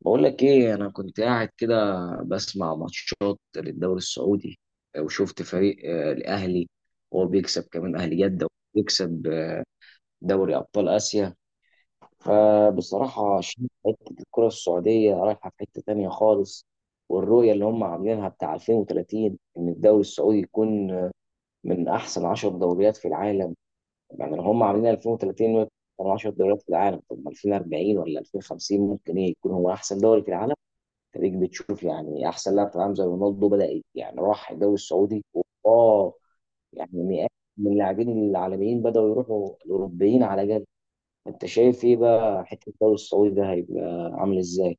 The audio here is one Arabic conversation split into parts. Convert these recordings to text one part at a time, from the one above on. بقول لك ايه، انا كنت قاعد كده بسمع ماتشات للدوري السعودي. وشفت فريق، الاهلي، وهو بيكسب كمان، اهلي جده. وبيكسب دوري ابطال اسيا. فبصراحه شايف حته الكره السعوديه رايحه في حته تانية خالص. والرؤيه اللي هم عاملينها بتاع 2030 ان الدوري السعودي يكون من احسن 10 دوريات في العالم. يعني لو هم عاملين 2030 إنه يكون من 10 دوريات في العالم، طب ما 2040 ولا 2050 ممكن ايه يكون هو احسن دوري في العالم. خليك بتشوف يعني احسن لاعب في العالم زي رونالدو بدا، يعني راح الدوري السعودي. واه يعني مئات من اللاعبين العالميين بداوا يروحوا الاوروبيين على جد. انت شايف ايه بقى حته الدوري السعودي ده هيبقى عامل ازاي؟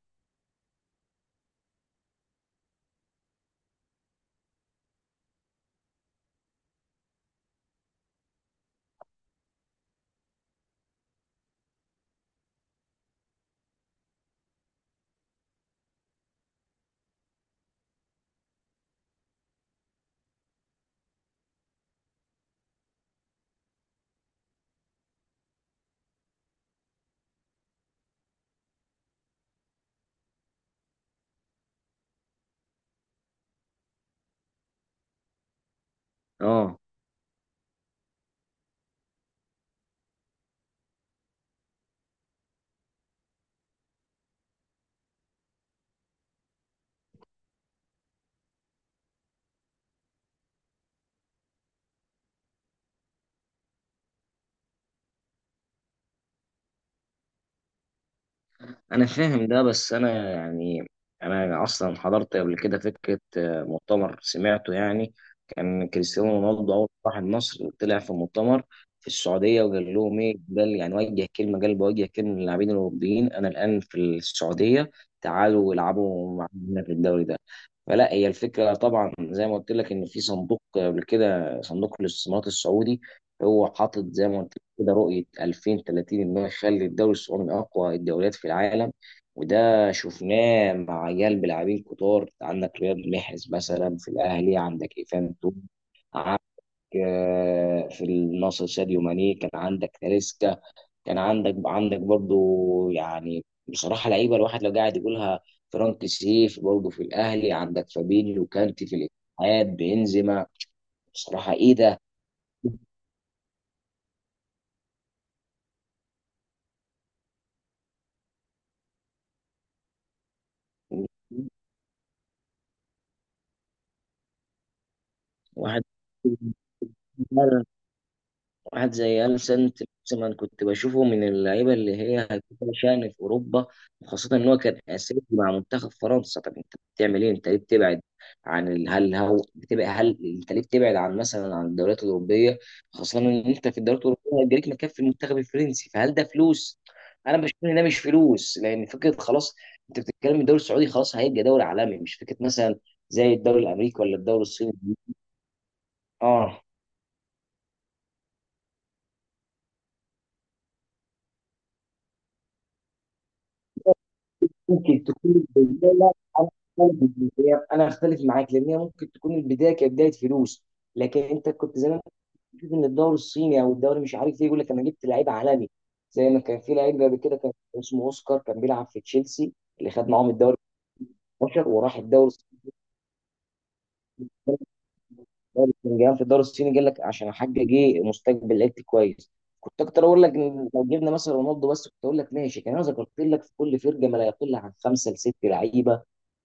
اه، انا فاهم ده، بس انا يعني انا اصلا حضرت قبل كده فكره، مؤتمر سمعته يعني. كان كريستيانو رونالدو اول ما راح النصر طلع في مؤتمر في السعوديه وقال لهم ايه، قال يعني وجه كلمه، قال بوجه كلمه للاعبين الاوروبيين: انا الان في السعوديه، تعالوا العبوا معانا في الدوري ده. فلا، هي الفكره طبعا زي ما قلت لك ان في صندوق، قبل كده صندوق الاستثمارات السعودي هو حاطط زي ما قلت كده رؤية 2030 إنه يخلي الدوري السعودي من أقوى الدوريات في العالم. وده شفناه مع عيال بلاعبين كتار. عندك رياض محرز مثلا في الأهلي، عندك إيفان توم، عندك في النصر ساديو ماني، كان عندك تاليسكا، كان عندك برضو، يعني بصراحة لعيبة الواحد لو قاعد يقولها، فرانك سيف برضو في الأهلي، عندك فابينيو، كانتي في الاتحاد، بنزيما. بصراحة إيه ده! واحد واحد زي ألسن لوسمان كنت بشوفه من اللعيبة اللي هي هتبقى شأن في أوروبا، وخاصة إن هو كان أساسي مع منتخب فرنسا. طب أنت بتعمل إيه؟ أنت ليه بتبعد عن ال- هل هو بتبقى هل أنت ليه بتبعد عن مثلا عن الدوريات الأوروبية، خاصة إن أنت في الدوريات الأوروبية هيجيلك مكان في المنتخب الفرنسي. فهل ده فلوس؟ أنا بشوف إن ده مش فلوس، لأن فكرة خلاص أنت بتتكلم الدوري السعودي خلاص هيبقى دوري عالمي، مش فكرة مثلا زي الدوري الأمريكي ولا الدوري الصيني. آه، ممكن تكون البدايه. لا، انا أختلف معاك. انا اختلف معاك لان هي ممكن تكون البدايه كانت بدايه فلوس، لكن انت كنت زمان بتشوف ان الدوري الصيني او الدوري مش عارف ايه يقول لك انا جبت لعيب عالمي، زي ما كان في لعيب قبل كده كان اسمه اوسكار كان بيلعب في تشيلسي اللي خد معاهم الدوري 12 وراح الدوري الصيني. في الدوري الصيني قال لك عشان احقق ايه، مستقبل لعيبتي كويس. كنت اكتر اقول لك إن لو جبنا مثلا رونالدو بس كنت اقول لك ماشي، كان انا ذكرت لك في كل فرقه ما لا يقل عن خمسه لست لعيبه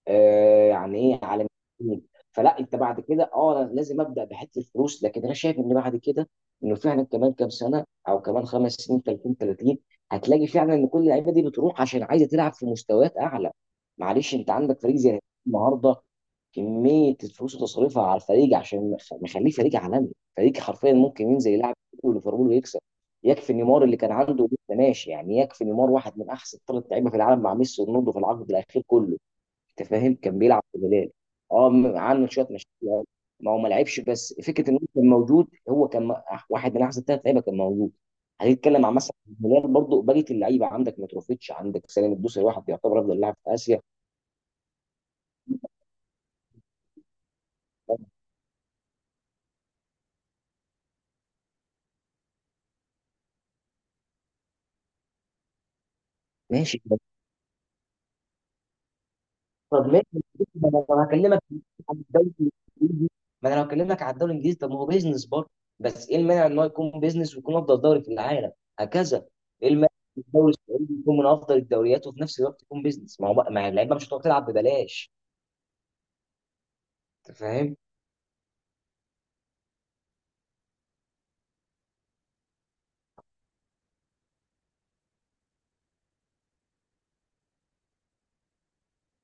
يعني ايه، عالميين. فلا، انت بعد كده اه أنا لازم ابدا بحته الفلوس، لكن انا شايف ان بعد كده انه فعلا كمان كام سنه او كمان خمس سنين، 30 30 هتلاقي فعلا ان كل اللعيبه دي بتروح عشان عايزه تلعب في مستويات اعلى. معلش، انت عندك فريق زي النهارده كميه الفلوس اللي تصرفها على الفريق عشان مخليه فريق عالمي، فريق حرفيا ممكن ينزل يلعب ليفربول ويكسب. يكفي نيمار اللي كان عنده لسه ماشي، يعني يكفي نيمار واحد من احسن ثلاث لعيبه في العالم مع ميسي ورونالدو في العقد الاخير كله. انت فاهم، كان بيلعب في الهلال. اه، عنده شويه مشاكل ما هو ما لعبش، بس فكره ان هو كان موجود. هو كان واحد من احسن ثلاث لعيبه كان موجود. هنتكلم عن مثلا الهلال برضو، بقيه اللعيبه عندك متروفيتش، عندك سالم الدوسري واحد يعتبر افضل لاعب في اسيا. ماشي، طب ماشي. ما انا لو هكلمك عن الدوري الانجليزي ما انا لو هكلمك عن الدوري الانجليزي، طب ما هو بيزنس برضه. بس ايه المانع ان هو يكون بيزنس ويكون افضل دوري في العالم؟ هكذا، ايه المانع إن الدوري السعودي يكون من افضل الدوريات وفي نفس الوقت يكون بيزنس؟ ما هو ما اللعيبه مش هتقعد تلعب ببلاش. انت فاهم؟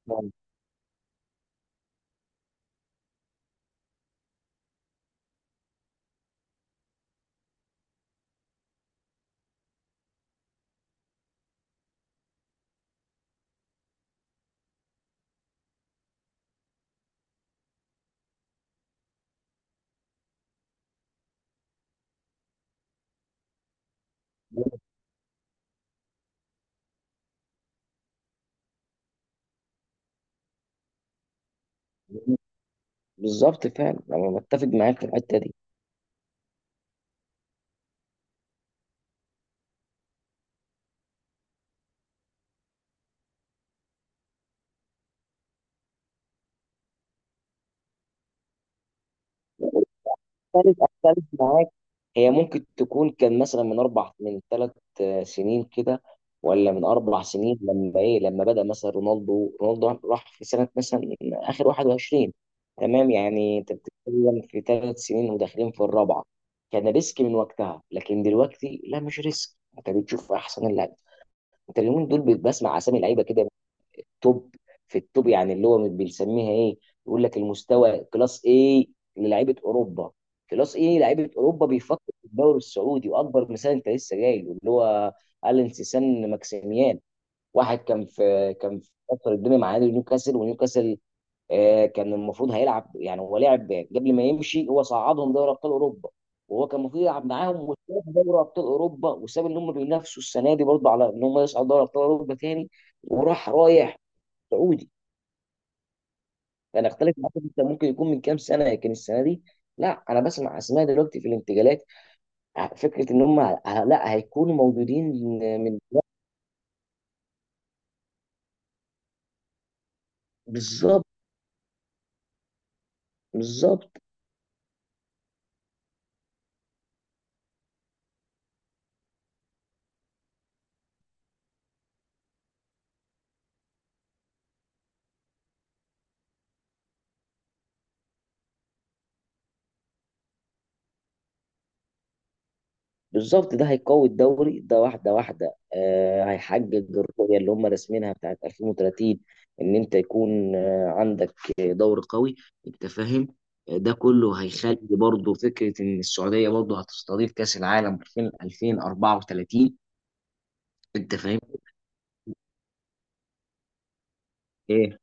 ما هو- بالظبط، فعلا انا متفق معاك في الحته دي. اختلف معاك. هي ممكن تكون كان مثلا من اربع، من ثلاث سنين كده، ولا من اربع سنين، لما ايه، لما بدأ مثلا رونالدو راح في سنة مثلا اخر 21، تمام؟ يعني انت بتتكلم في ثلاث سنين وداخلين في الرابعة. كان ريسك من وقتها، لكن دلوقتي لا، مش ريسك. انت بتشوف احسن اللعيبه. انت اليومين دول بتسمع اسامي لعيبه كده توب في التوب، يعني اللي هو بنسميها ايه، يقول لك المستوى كلاس ايه، للعيبه اوروبا كلاس ايه، لعيبه اوروبا بيفكر في الدوري السعودي. واكبر مثال انت لسه جايله اللي هو الين سيسان ماكسيميان، واحد كان في فتره الدنيا مع نادي نيوكاسل. ونيوكاسل، كان المفروض هيلعب، يعني هو لعب قبل ما يمشي، هو صعدهم دوري ابطال اوروبا، وهو كان المفروض يلعب معاهم، وساب دوري ابطال اوروبا، وساب ان هم بينافسوا السنه دي برضه على ان هم يصعدوا دوري ابطال اوروبا تاني، وراح رايح سعودي. انا اختلف معاك، انت ممكن يكون من كام سنه، لكن السنه دي لا، انا بسمع اسماء دلوقتي في الانتقالات، فكره ان هم لا، هيكونوا موجودين من. بالظبط، بالظبط، بالظبط، ده هيقوي الدوري ده واحده واحده. هيحقق الرؤيه اللي هم راسمينها بتاعت 2030، ان انت يكون عندك دوري قوي، انت فاهم. ده كله هيخلي برضه فكره ان السعوديه برضه هتستضيف كاس العالم 2034. انت فاهم ايه،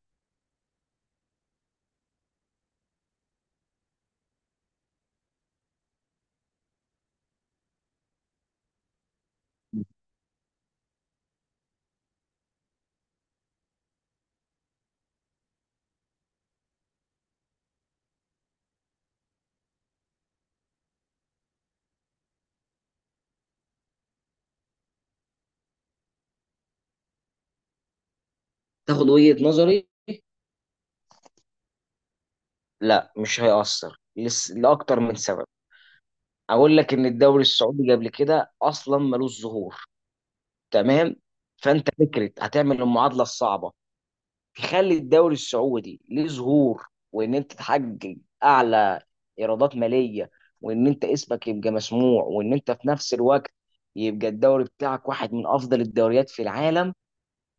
تاخد وجهة نظري؟ لا، مش هيأثر لأكتر من سبب. أقول لك إن الدوري السعودي قبل كده أصلا ملوش ظهور، تمام. فأنت فكرة هتعمل المعادلة الصعبة، تخلي الدوري السعودي ليه ظهور، وإن أنت تحقق أعلى إيرادات مالية، وإن أنت اسمك يبقى مسموع، وإن أنت في نفس الوقت يبقى الدوري بتاعك واحد من أفضل الدوريات في العالم،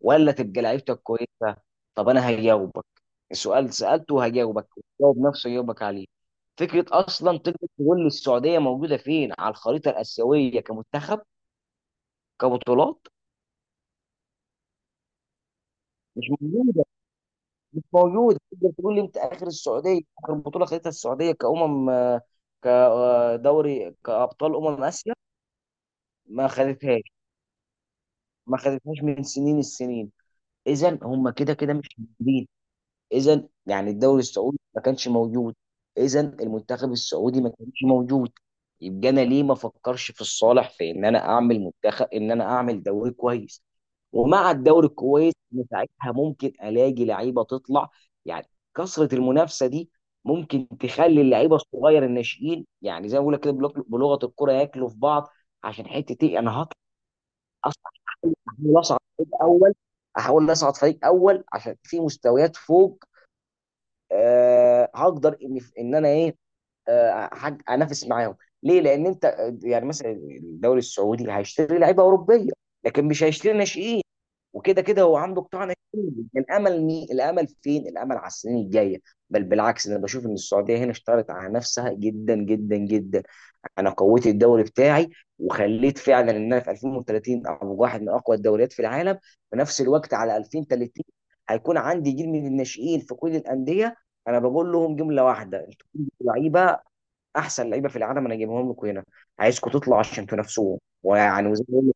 ولا تبقى لعيبتك كويسه. طب انا هجاوبك، السؤال سالته هجاوبك، جاوب نفسه يجاوبك عليه. فكره اصلا، تقدر تقول لي السعوديه موجوده فين على الخريطه الاسيويه؟ كمنتخب، كبطولات، مش موجوده. مش موجوده. تقدر تقول لي انت اخر السعوديه، اخر بطوله خدتها السعوديه كامم كدوري، كابطال اسيا؟ ما خدتهاش ما خدتهاش من سنين، السنين. اذا هم كده كده مش موجودين، اذا يعني الدوري السعودي ما كانش موجود، اذا المنتخب السعودي ما كانش موجود. يبقى انا ليه ما افكرش في الصالح، في ان انا اعمل منتخب، ان انا اعمل دوري كويس، ومع الدوري الكويس إن ساعتها ممكن الاقي لعيبه تطلع. يعني كثره المنافسه دي ممكن تخلي اللعيبه الصغير الناشئين، يعني زي ما بقول لك كده بلغه الكره ياكلوا في بعض. عشان حته ايه، انا هطلع اصعد، احاول اصعد فريق اول احاول اصعد فريق اول عشان في مستويات فوق، هقدر ان ان انا ايه، انافس معاهم. ليه؟ لان انت يعني مثلا الدوري السعودي هيشتري لعيبه اوروبيه لكن مش هيشتري ناشئين. وكده كده هو عنده قطاع ناشئ. الامل فين؟ الامل على السنين الجايه. بل بالعكس، انا بشوف ان السعوديه هنا اشتغلت على نفسها جدا جدا جدا. انا قويت الدوري بتاعي، وخليت فعلا ان انا في 2030 ابقى واحد من اقوى الدوريات في العالم. في نفس الوقت على 2030 هيكون عندي جيل من الناشئين في كل الانديه، انا بقول لهم جمله واحده: انتوا كنتوا لعيبه، احسن لعيبه في العالم انا جايبهم لكم هنا، عايزكم تطلعوا عشان تنافسوهم. ويعني وزي ما بقول لك،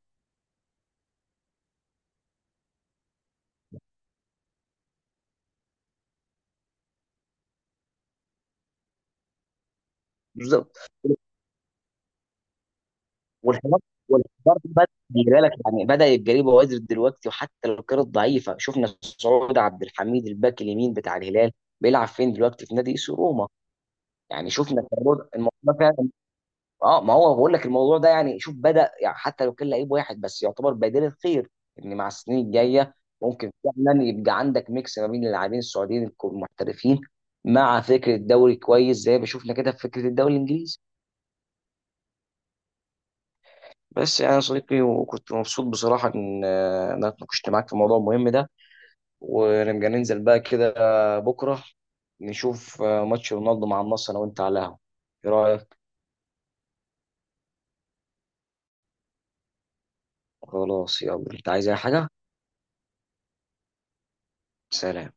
بالظبط. والحوار والحوار ده بدأ، خلي بالك، يعني بدأ يتجري بوادر دلوقتي، وحتى لو كانت ضعيفة. شفنا سعود عبد الحميد الباك اليمين بتاع الهلال بيلعب فين دلوقتي؟ في نادي ايسي روما. يعني شفنا الموضوع ده فعلا. اه، ما هو بقول لك الموضوع ده، يعني شوف بدأ، يعني حتى لو كان لعيب واحد بس يعتبر بديل الخير، ان مع السنين الجاية ممكن فعلا يبقى عندك ميكس ما بين اللاعبين السعوديين المحترفين مع فكرة الدوري كويس زي ما شفنا كده في فكرة الدوري الانجليزي. بس يعني يا صديقي، وكنت مبسوط بصراحة إن أنا اتناقشت معاك في الموضوع المهم ده. ونبقى ننزل بقى كده بكرة نشوف ماتش رونالدو مع النصر أنا وأنت على القهوة، إيه رأيك؟ خلاص، يلا، أنت عايز أي حاجة؟ سلام.